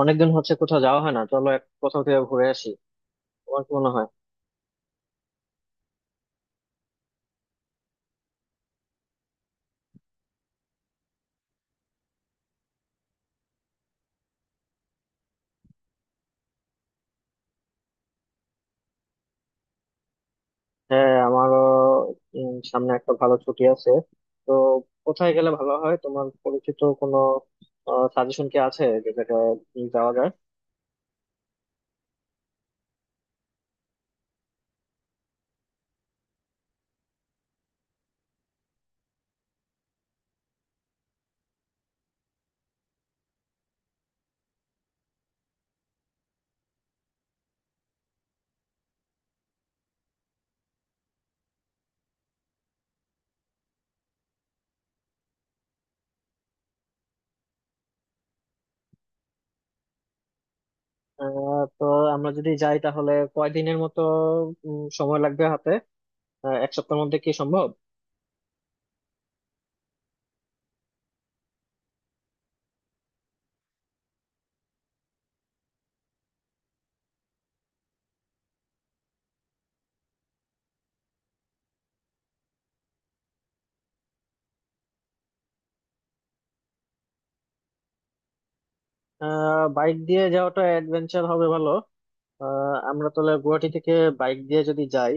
অনেকদিন হচ্ছে কোথাও যাওয়া হয় না, চলো এক কোথাও থেকে ঘুরে আসি। তোমার কি মনে হয়? হ্যাঁ, আমারও। সামনে একটা ভালো ছুটি আছে, তো কোথায় গেলে ভালো হয়? তোমার পরিচিত কোনো সাজেশন কি আছে যেটাতে যাওয়া যায়? তো আমরা যদি যাই তাহলে কয়দিনের মতো সময় লাগবে হাতে? এক সপ্তাহের মধ্যে কি সম্ভব? বাইক দিয়ে যাওয়াটা অ্যাডভেঞ্চার হবে, ভালো। আমরা তাহলে গুয়াহাটি থেকে বাইক দিয়ে যদি যাই,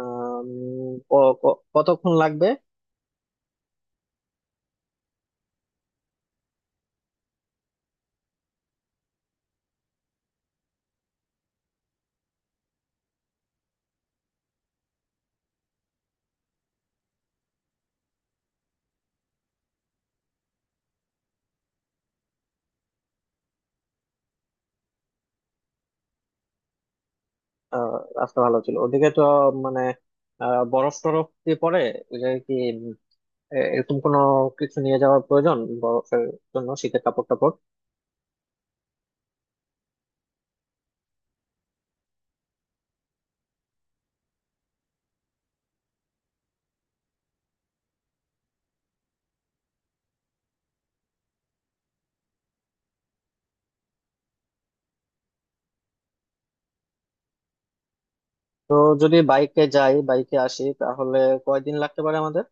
আহ, উম, ক- ক- কতক্ষণ লাগবে? আহ, রাস্তা ভালো ছিল ওদিকে তো? মানে বরফ টরফ দিয়ে পরে যে কি, উম, এরকম কোনো কিছু নিয়ে যাওয়ার প্রয়োজন, বরফের জন্য শীতের কাপড় টাপড়? তো যদি বাইকে যাই বাইকে আসি তাহলে কয়দিন লাগতে পারে আমাদের?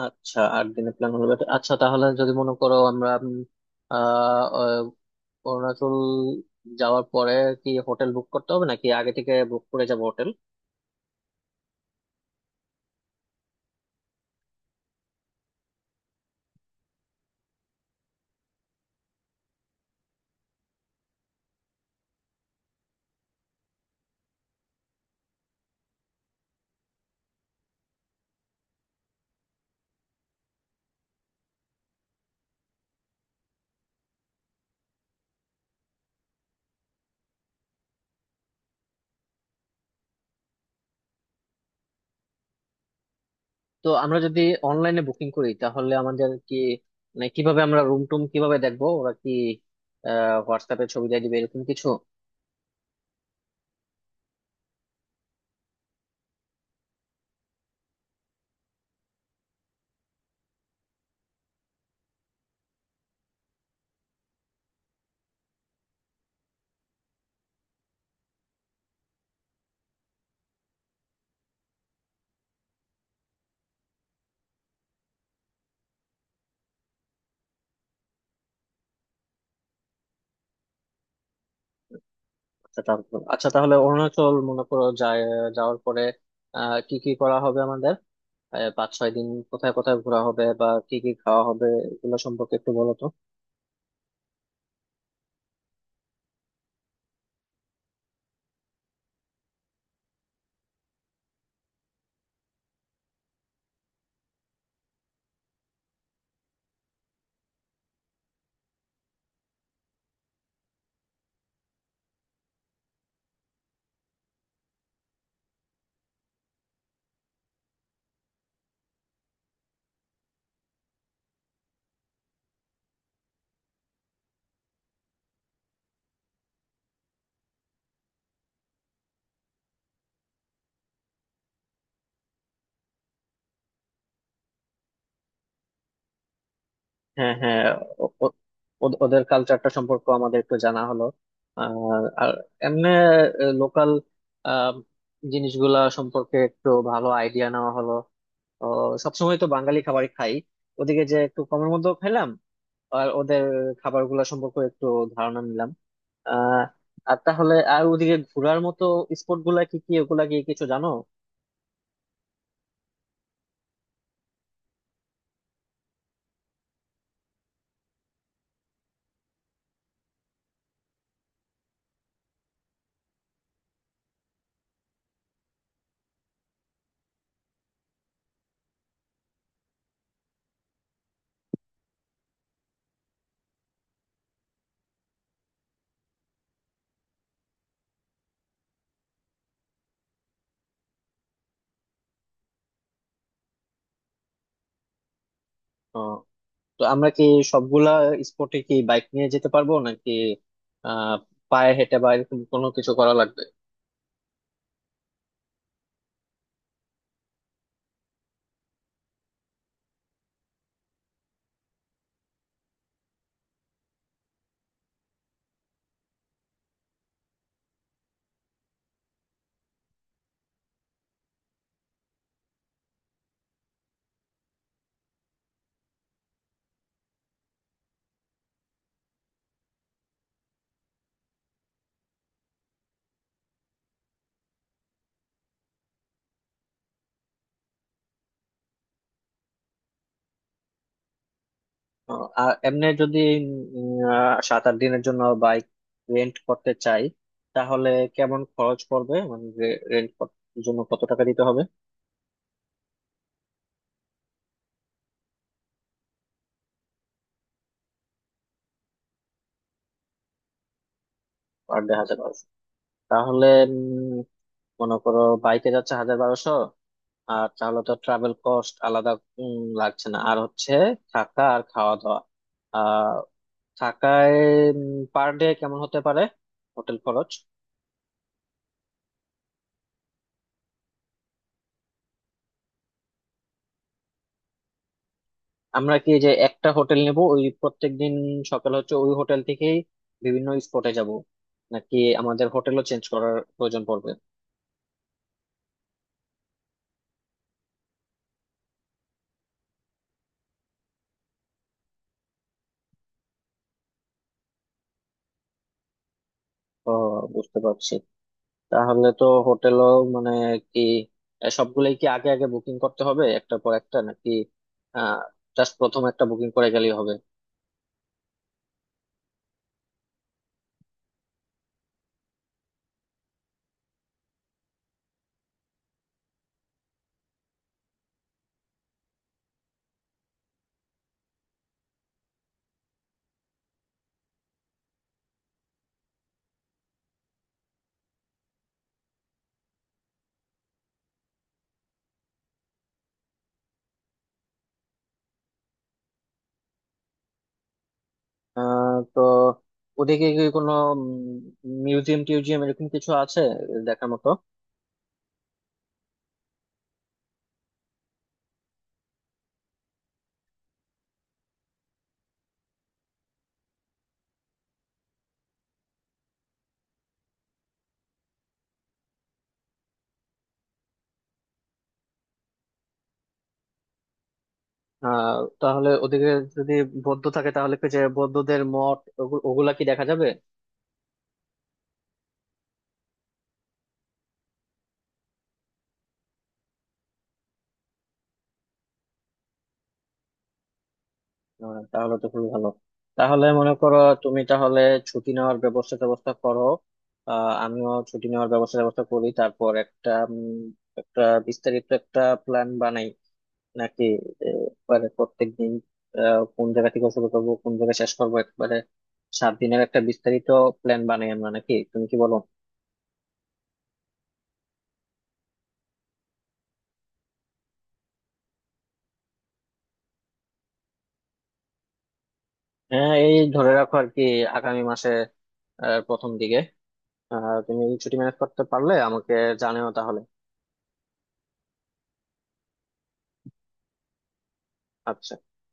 আচ্ছা, 8 দিনের প্ল্যান হলো better। আচ্ছা তাহলে যদি মনে করো আমরা আহ আহ, অরুণাচল যাওয়ার পরে কি হোটেল বুক করতে হবে, নাকি আগে থেকে বুক করে যাবো হোটেল? তো আমরা যদি অনলাইনে বুকিং করি তাহলে আমাদের কি, মানে কিভাবে আমরা রুম টুম কিভাবে দেখবো? ওরা কি হোয়াটসঅ্যাপে ছবি দিয়ে দিবে এরকম কিছু? আচ্ছা তাহলে, আচ্ছা তাহলে অরুণাচল মনে করো যায়, যাওয়ার পরে কি কি করা হবে আমাদের? 5-6 দিন কোথায় কোথায় ঘোরা হবে বা কি কি খাওয়া হবে, এগুলো সম্পর্কে একটু বলো তো। হ্যাঁ, হ্যাঁ। ও- ও- ওদের কালচারটা সম্পর্কে আমাদের একটু জানা হলো আর আর এমনি লোকাল জিনিসগুলা সম্পর্কে একটু ভালো আইডিয়া নেওয়া হলো। ও, সবসময় তো বাঙালি খাবারই খাই, ওদিকে যে একটু কমের মধ্যেও খাইলাম আর ওদের খাবারগুলো সম্পর্কে একটু ধারণা নিলাম। আহ আর তাহলে আর ওদিকে ঘোরার মতো স্পট গুলা কি কি, ওগুলা কি কিছু জানো? তো আমরা কি সবগুলা স্পটে কি বাইক নিয়ে যেতে পারবো, নাকি আহ পায়ে হেঁটে বা এরকম কোনো কিছু করা লাগবে? আর এমনি যদি 7-8 দিনের জন্য বাইক রেন্ট করতে চাই তাহলে কেমন খরচ পড়বে, মানে রেন্ট জন্য কত টাকা দিতে হবে? Per day 1000-1200? তাহলে উম, মনে করো বাইকে যাচ্ছে 1000-1200, আর তাহলে তো ট্রাভেল কস্ট আলাদা উম, লাগছে না। আর হচ্ছে থাকা আর খাওয়া দাওয়া, থাকায় পার ডে কেমন হতে পারে হোটেল খরচ? আমরা কি যে একটা হোটেল নেব ওই প্রত্যেকদিন সকাল, হচ্ছে ওই হোটেল থেকেই বিভিন্ন স্পটে যাব, নাকি আমাদের হোটেলও চেঞ্জ করার প্রয়োজন পড়বে? ও, বুঝতে পারছি। তাহলে তো হোটেলও মানে কি, এ সবগুলোই কি আগে আগে বুকিং করতে হবে একটার পর একটা, নাকি আহ জাস্ট প্রথম একটা বুকিং করে গেলেই হবে? তো ওদিকে কি কোনো মিউজিয়াম টিউজিয়াম এরকম কিছু আছে দেখার মতো? আহ তাহলে ওদিকে যদি বৌদ্ধ থাকে তাহলে কি, যে বৌদ্ধদের মঠ ওগুলা কি দেখা যাবে? তাহলে তো খুবই ভালো। তাহলে মনে করো তুমি তাহলে ছুটি নেওয়ার ব্যবস্থা ব্যবস্থা করো, আমিও ছুটি নেওয়ার ব্যবস্থা ব্যবস্থা করি। তারপর একটা একটা বিস্তারিত একটা প্ল্যান বানাই, নাকি একবারে প্রত্যেক দিন কোন জায়গা থেকে শুরু করবো কোন জায়গায় শেষ করবো, একবারে 7 দিনের একটা বিস্তারিত প্ল্যান বানাই আমরা? নাকি তুমি কি বলো? হ্যাঁ, এই ধরে রাখো আর কি, আগামী মাসে প্রথম দিকে। তুমি ছুটি ম্যানেজ করতে পারলে আমাকে জানিও তাহলে। আচ্ছা।